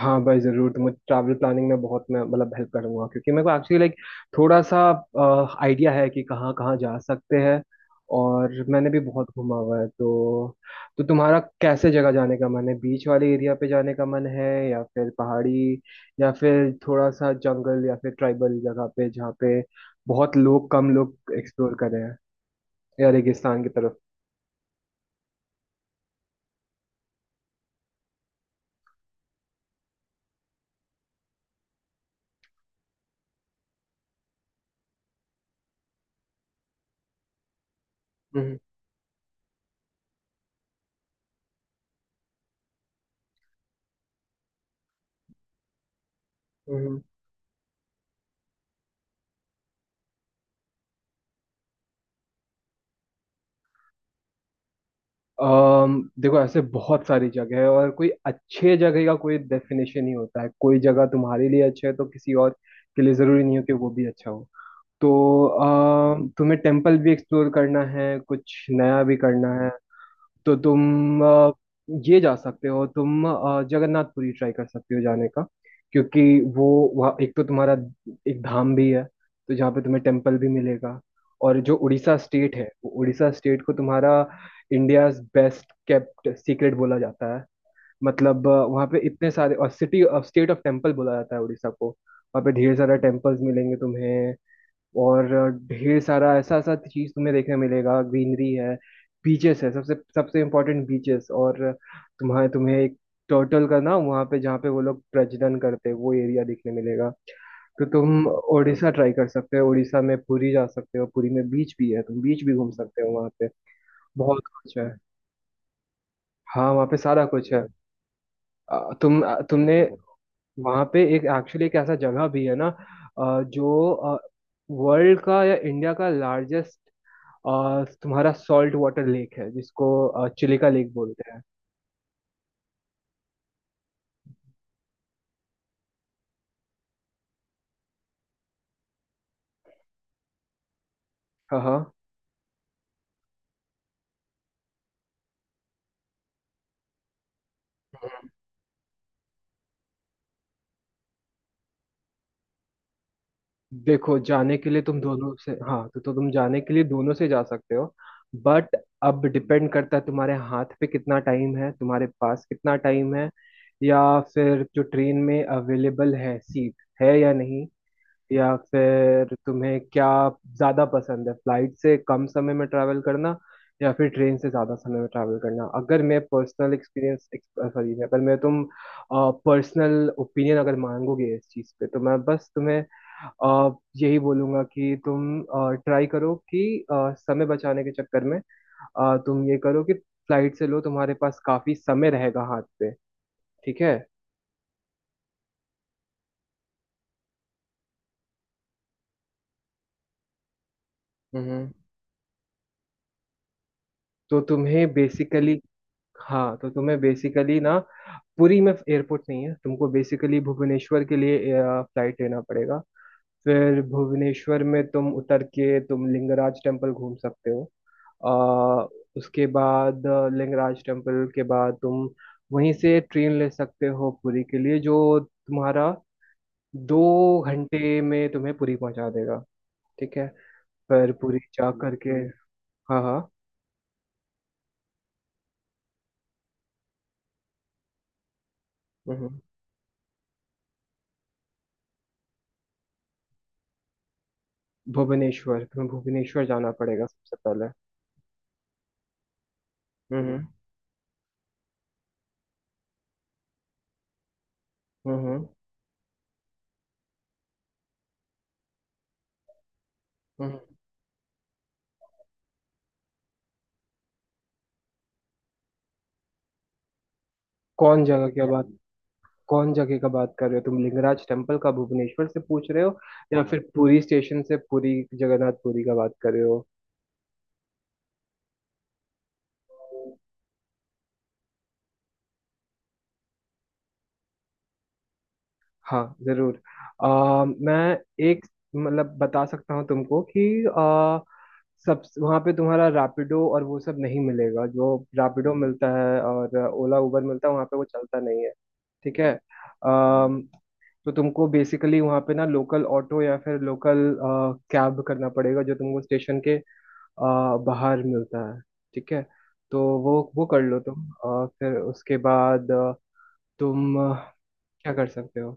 हाँ भाई जरूर। तो मुझे ट्रैवल प्लानिंग में बहुत मैं मतलब हेल्प करूंगा, क्योंकि मेरे को एक्चुअली लाइक थोड़ा सा आइडिया है कि कहाँ कहाँ जा सकते हैं और मैंने भी बहुत घूमा हुआ है। तो तुम्हारा कैसे जगह जाने का मन है? बीच वाले एरिया पे जाने का मन है या फिर पहाड़ी या फिर थोड़ा सा जंगल या फिर ट्राइबल जगह पे जहाँ पे बहुत लोग कम लोग एक्सप्लोर कर रहे हैं, या रेगिस्तान की तरफ? हम्म। हम्म। देखो, ऐसे बहुत सारी जगह है और कोई अच्छे जगह का कोई डेफिनेशन नहीं होता है। कोई जगह तुम्हारे लिए अच्छा है तो किसी और के लिए जरूरी नहीं हो कि वो भी अच्छा हो। तो तुम्हें टेम्पल भी एक्सप्लोर करना है, कुछ नया भी करना है। तो तुम ये जा सकते हो, तुम जगन्नाथपुरी ट्राई कर सकते हो जाने का। क्योंकि वो वहाँ एक तो तुम्हारा एक धाम भी है, तो जहाँ पे तुम्हें टेम्पल भी मिलेगा। और जो उड़ीसा स्टेट है, वो उड़ीसा स्टेट को तुम्हारा इंडियाज बेस्ट केप्ट सीक्रेट बोला जाता है। मतलब वहाँ पे इतने सारे, और city of state of temple बोला जाता है उड़ीसा को। वहाँ पे ढेर सारा टेम्पल्स मिलेंगे तुम्हें, और ढेर सारा ऐसा ऐसा चीज तुम्हें देखने मिलेगा। ग्रीनरी है, बीचेस है, सबसे सबसे इम्पोर्टेंट बीचेस। और तुम्हारे तुम्हें एक टर्टल का ना वहाँ पे जहाँ पे वो लोग प्रजनन करते हैं, वो एरिया देखने मिलेगा। तो तुम उड़ीसा ट्राई कर सकते हो, उड़ीसा में पुरी जा सकते हो। पुरी में बीच भी है, तुम बीच भी घूम सकते हो वहाँ पे। बहुत कुछ है। हाँ, वहाँ पे सारा कुछ है। तुम अ, तुमने वहाँ पे एक एक्चुअली एक ऐसा जगह भी है ना, जो वर्ल्ड का या इंडिया का लार्जेस्ट और तुम्हारा सॉल्ट वाटर लेक है, जिसको चिलिका लेक बोलते हैं। हाँ हाँ। देखो, जाने के लिए तुम दोनों से, हाँ, तो तुम जाने के लिए दोनों से जा सकते हो। बट अब डिपेंड करता है तुम्हारे हाथ पे कितना टाइम है, तुम्हारे पास कितना टाइम है, या फिर जो ट्रेन में अवेलेबल है सीट है या नहीं, या फिर तुम्हें क्या ज्यादा पसंद है। फ्लाइट से कम समय में ट्रैवल करना या फिर ट्रेन से ज्यादा समय में ट्रैवल करना। अगर मैं पर्सनल एक्सपीरियंस, सॉरी, अगर मैं तुम पर्सनल ओपिनियन अगर मांगोगे इस चीज पे, तो मैं बस तुम्हें अ, यही बोलूंगा कि तुम ट्राई करो कि समय बचाने के चक्कर में तुम ये करो कि फ्लाइट से लो, तुम्हारे पास काफी समय रहेगा हाथ पे। ठीक है। हम्म। तो तुम्हें बेसिकली हाँ, तो तुम्हें बेसिकली ना पुरी में एयरपोर्ट नहीं है। तुमको बेसिकली भुवनेश्वर के लिए फ्लाइट लेना पड़ेगा। फिर भुवनेश्वर में तुम उतर के तुम लिंगराज टेम्पल घूम सकते हो। आ, उसके बाद लिंगराज टेम्पल के बाद तुम वहीं से ट्रेन ले सकते हो पुरी के लिए, जो तुम्हारा 2 घंटे में तुम्हें पुरी पहुंचा देगा। ठीक है। फिर पुरी जा करके, हाँ हाँ। हम्म। भुवनेश्वर, तुम्हें भुवनेश्वर जाना पड़ेगा सबसे पहले। हम्म हम्म हम्म। कौन जगह क्या बात कौन जगह का बात कर रहे हो तुम? लिंगराज टेम्पल का भुवनेश्वर से पूछ रहे हो या फिर पुरी स्टेशन से, पुरी जगन्नाथ पुरी का बात कर रहे हो? हाँ जरूर। मैं एक मतलब बता सकता हूँ तुमको कि सब वहाँ पे तुम्हारा रैपिडो और वो सब नहीं मिलेगा। जो रैपिडो मिलता है और ओला उबर मिलता है, वहाँ पे वो चलता नहीं है। ठीक है। आ, तो तुमको बेसिकली वहाँ पे ना लोकल ऑटो या फिर लोकल कैब करना पड़ेगा, जो तुमको स्टेशन के अ, बाहर मिलता है। ठीक है। तो वो कर लो तुम। फिर उसके बाद तुम क्या कर सकते हो,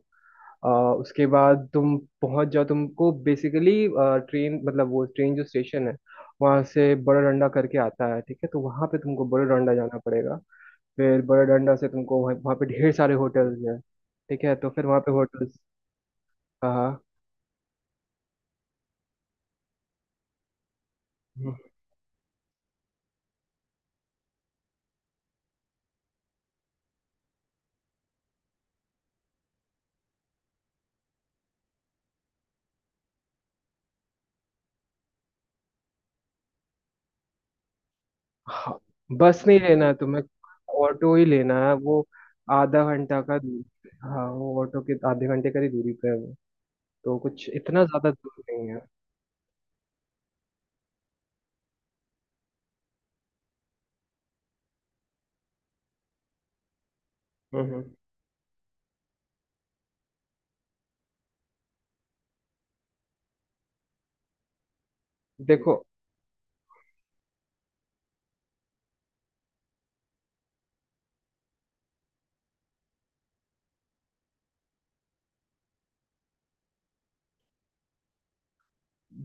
अ, उसके बाद तुम पहुंच जाओ। तुमको बेसिकली ट्रेन, मतलब वो ट्रेन जो स्टेशन है वहाँ से बड़ा डंडा करके आता है, ठीक है, तो वहाँ पे तुमको बड़ा डंडा जाना पड़ेगा। फिर बड़ा डंडा से तुमको वहाँ वहाँ पे ढेर सारे होटल्स हैं। ठीक है, तो फिर वहाँ पे होटल्स। हाँ हाँ हाँ। बस नहीं लेना है तुम्हें, ऑटो ही लेना है। वो आधा घंटा का दूर। हाँ, वो ऑटो के आधे घंटे का ही दूरी पे है वो, तो कुछ इतना ज्यादा दूर नहीं है। हम्म। हम्म। देखो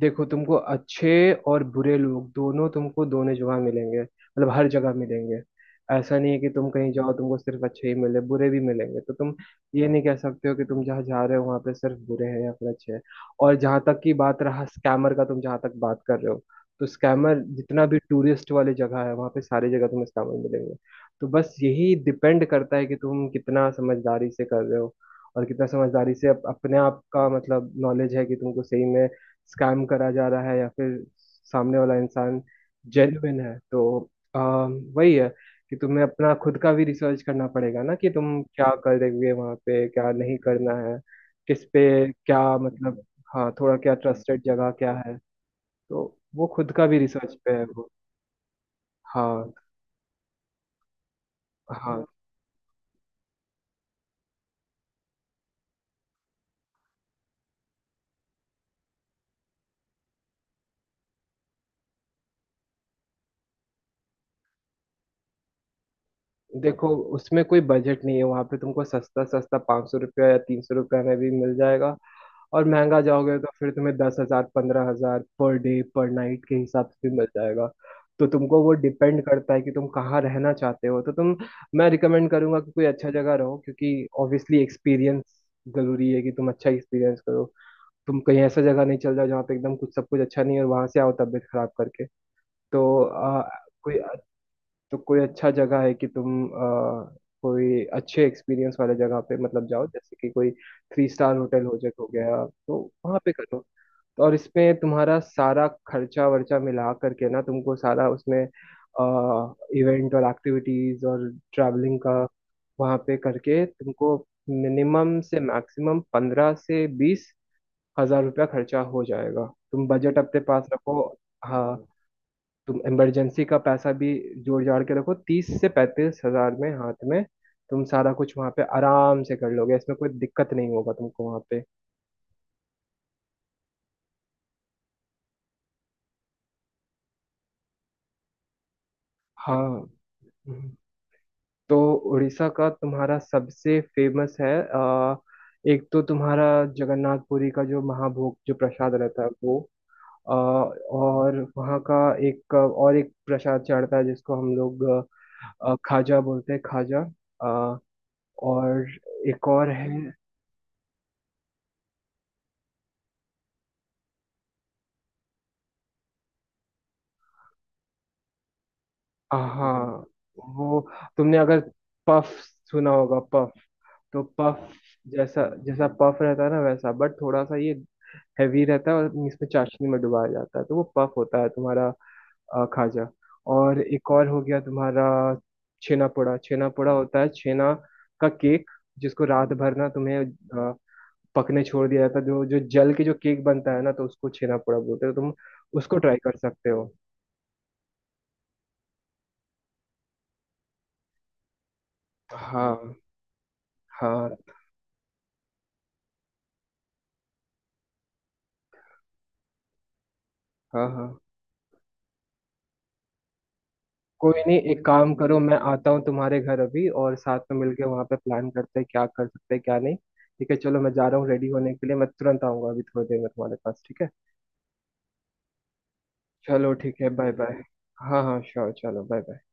देखो, तुमको अच्छे और बुरे लोग दोनों, तुमको दोनों जगह मिलेंगे, मतलब हर जगह मिलेंगे। ऐसा नहीं है कि तुम कहीं जाओ तुमको सिर्फ अच्छे ही मिले, बुरे भी मिलेंगे। तो तुम ये नहीं कह सकते हो कि तुम जहाँ जा रहे हो वहाँ पे सिर्फ बुरे हैं या फिर अच्छे हैं। और जहाँ तक की बात रहा स्कैमर का, तुम जहाँ तक बात कर रहे हो, तो स्कैमर जितना भी टूरिस्ट वाली जगह है, वहाँ पे सारी जगह तुम्हें स्कैमर मिलेंगे। तो बस यही डिपेंड करता है कि तुम कितना समझदारी से कर रहे हो, और कितना समझदारी से अपने आप का, मतलब नॉलेज है कि तुमको सही में स्कैम करा जा रहा है या फिर सामने वाला इंसान जेन्युइन है। तो वही है कि तुम्हें अपना खुद का भी रिसर्च करना पड़ेगा ना, कि तुम क्या करेंगे वहाँ पे, क्या नहीं करना है, किस पे क्या, मतलब, हाँ, थोड़ा क्या ट्रस्टेड जगह क्या है। तो वो खुद का भी रिसर्च पे है वो। हाँ हाँ। देखो, उसमें कोई बजट नहीं है। वहाँ पे तुमको सस्ता सस्ता 500 रुपया या 300 रुपया में भी मिल जाएगा, और महंगा जाओगे तो फिर तुम्हें 10 हजार, 15 हजार पर डे, पर नाइट के हिसाब से भी मिल जाएगा। तो तुमको वो डिपेंड करता है कि तुम कहाँ रहना चाहते हो। तो तुम मैं रिकमेंड करूंगा कि कोई अच्छा जगह रहो, क्योंकि ऑब्वियसली एक्सपीरियंस जरूरी है, कि तुम अच्छा एक्सपीरियंस करो। तुम कहीं ऐसा जगह नहीं चल जाओ जहाँ पे एकदम कुछ, सब कुछ अच्छा नहीं है, और वहां से आओ तबीयत खराब करके। तो अ, कोई तो कोई अच्छा जगह है, कि तुम कोई अच्छे एक्सपीरियंस वाले जगह पे, मतलब, जाओ। जैसे कि कोई थ्री स्टार होटल हो गया, तो वहाँ पे करो तो। और इसमें तुम्हारा सारा खर्चा वर्चा मिला करके ना, तुमको सारा उसमें इवेंट और एक्टिविटीज और ट्रैवलिंग का वहाँ पे करके, तुमको मिनिमम से मैक्सिमम 15 से 20 हजार रुपया खर्चा हो जाएगा। तुम बजट अपने पास रखो। हाँ, तुम इमरजेंसी का पैसा भी जोड़ जाड़ के रखो। 30 से 35 हजार में, हाथ में, तुम सारा कुछ वहां पे आराम से कर लोगे, इसमें कोई दिक्कत नहीं होगा तुमको वहां पे। हाँ। हम्म। तो उड़ीसा का तुम्हारा सबसे फेमस है आ, एक तो तुम्हारा जगन्नाथ पुरी का जो महाभोग, जो प्रसाद रहता है वो। और वहाँ का एक प्रसाद चढ़ता है जिसको हम लोग खाजा बोलते हैं, खाजा। आ, और एक और है। हाँ, वो तुमने अगर पफ सुना होगा, पफ, तो पफ जैसा, जैसा पफ रहता है ना वैसा, बट थोड़ा सा ये हैवी रहता है और इसमें चाशनी में डुबाया जाता है। तो वो पफ होता है तुम्हारा, खाजा। और एक और हो गया तुम्हारा, छेना पोड़ा। छेना पोड़ा होता है छेना का केक, जिसको रात भर ना तुम्हें पकने छोड़ दिया जाता है। जो जो जल के जो केक बनता है ना, तो उसको छेना पोड़ा बोलते हो तुम। उसको ट्राई कर सकते हो। हाँ हाँ हाँ हाँ, कोई नहीं, एक काम करो, मैं आता हूँ तुम्हारे घर अभी, और साथ में मिलके वहां पे प्लान करते हैं क्या कर सकते हैं क्या नहीं। ठीक है, चलो, मैं जा रहा हूँ रेडी होने के लिए। मैं तुरंत आऊंगा अभी थोड़ी देर में तुम्हारे पास। ठीक है, चलो ठीक है, बाय बाय। हाँ हाँ श्योर, चलो बाय बाय।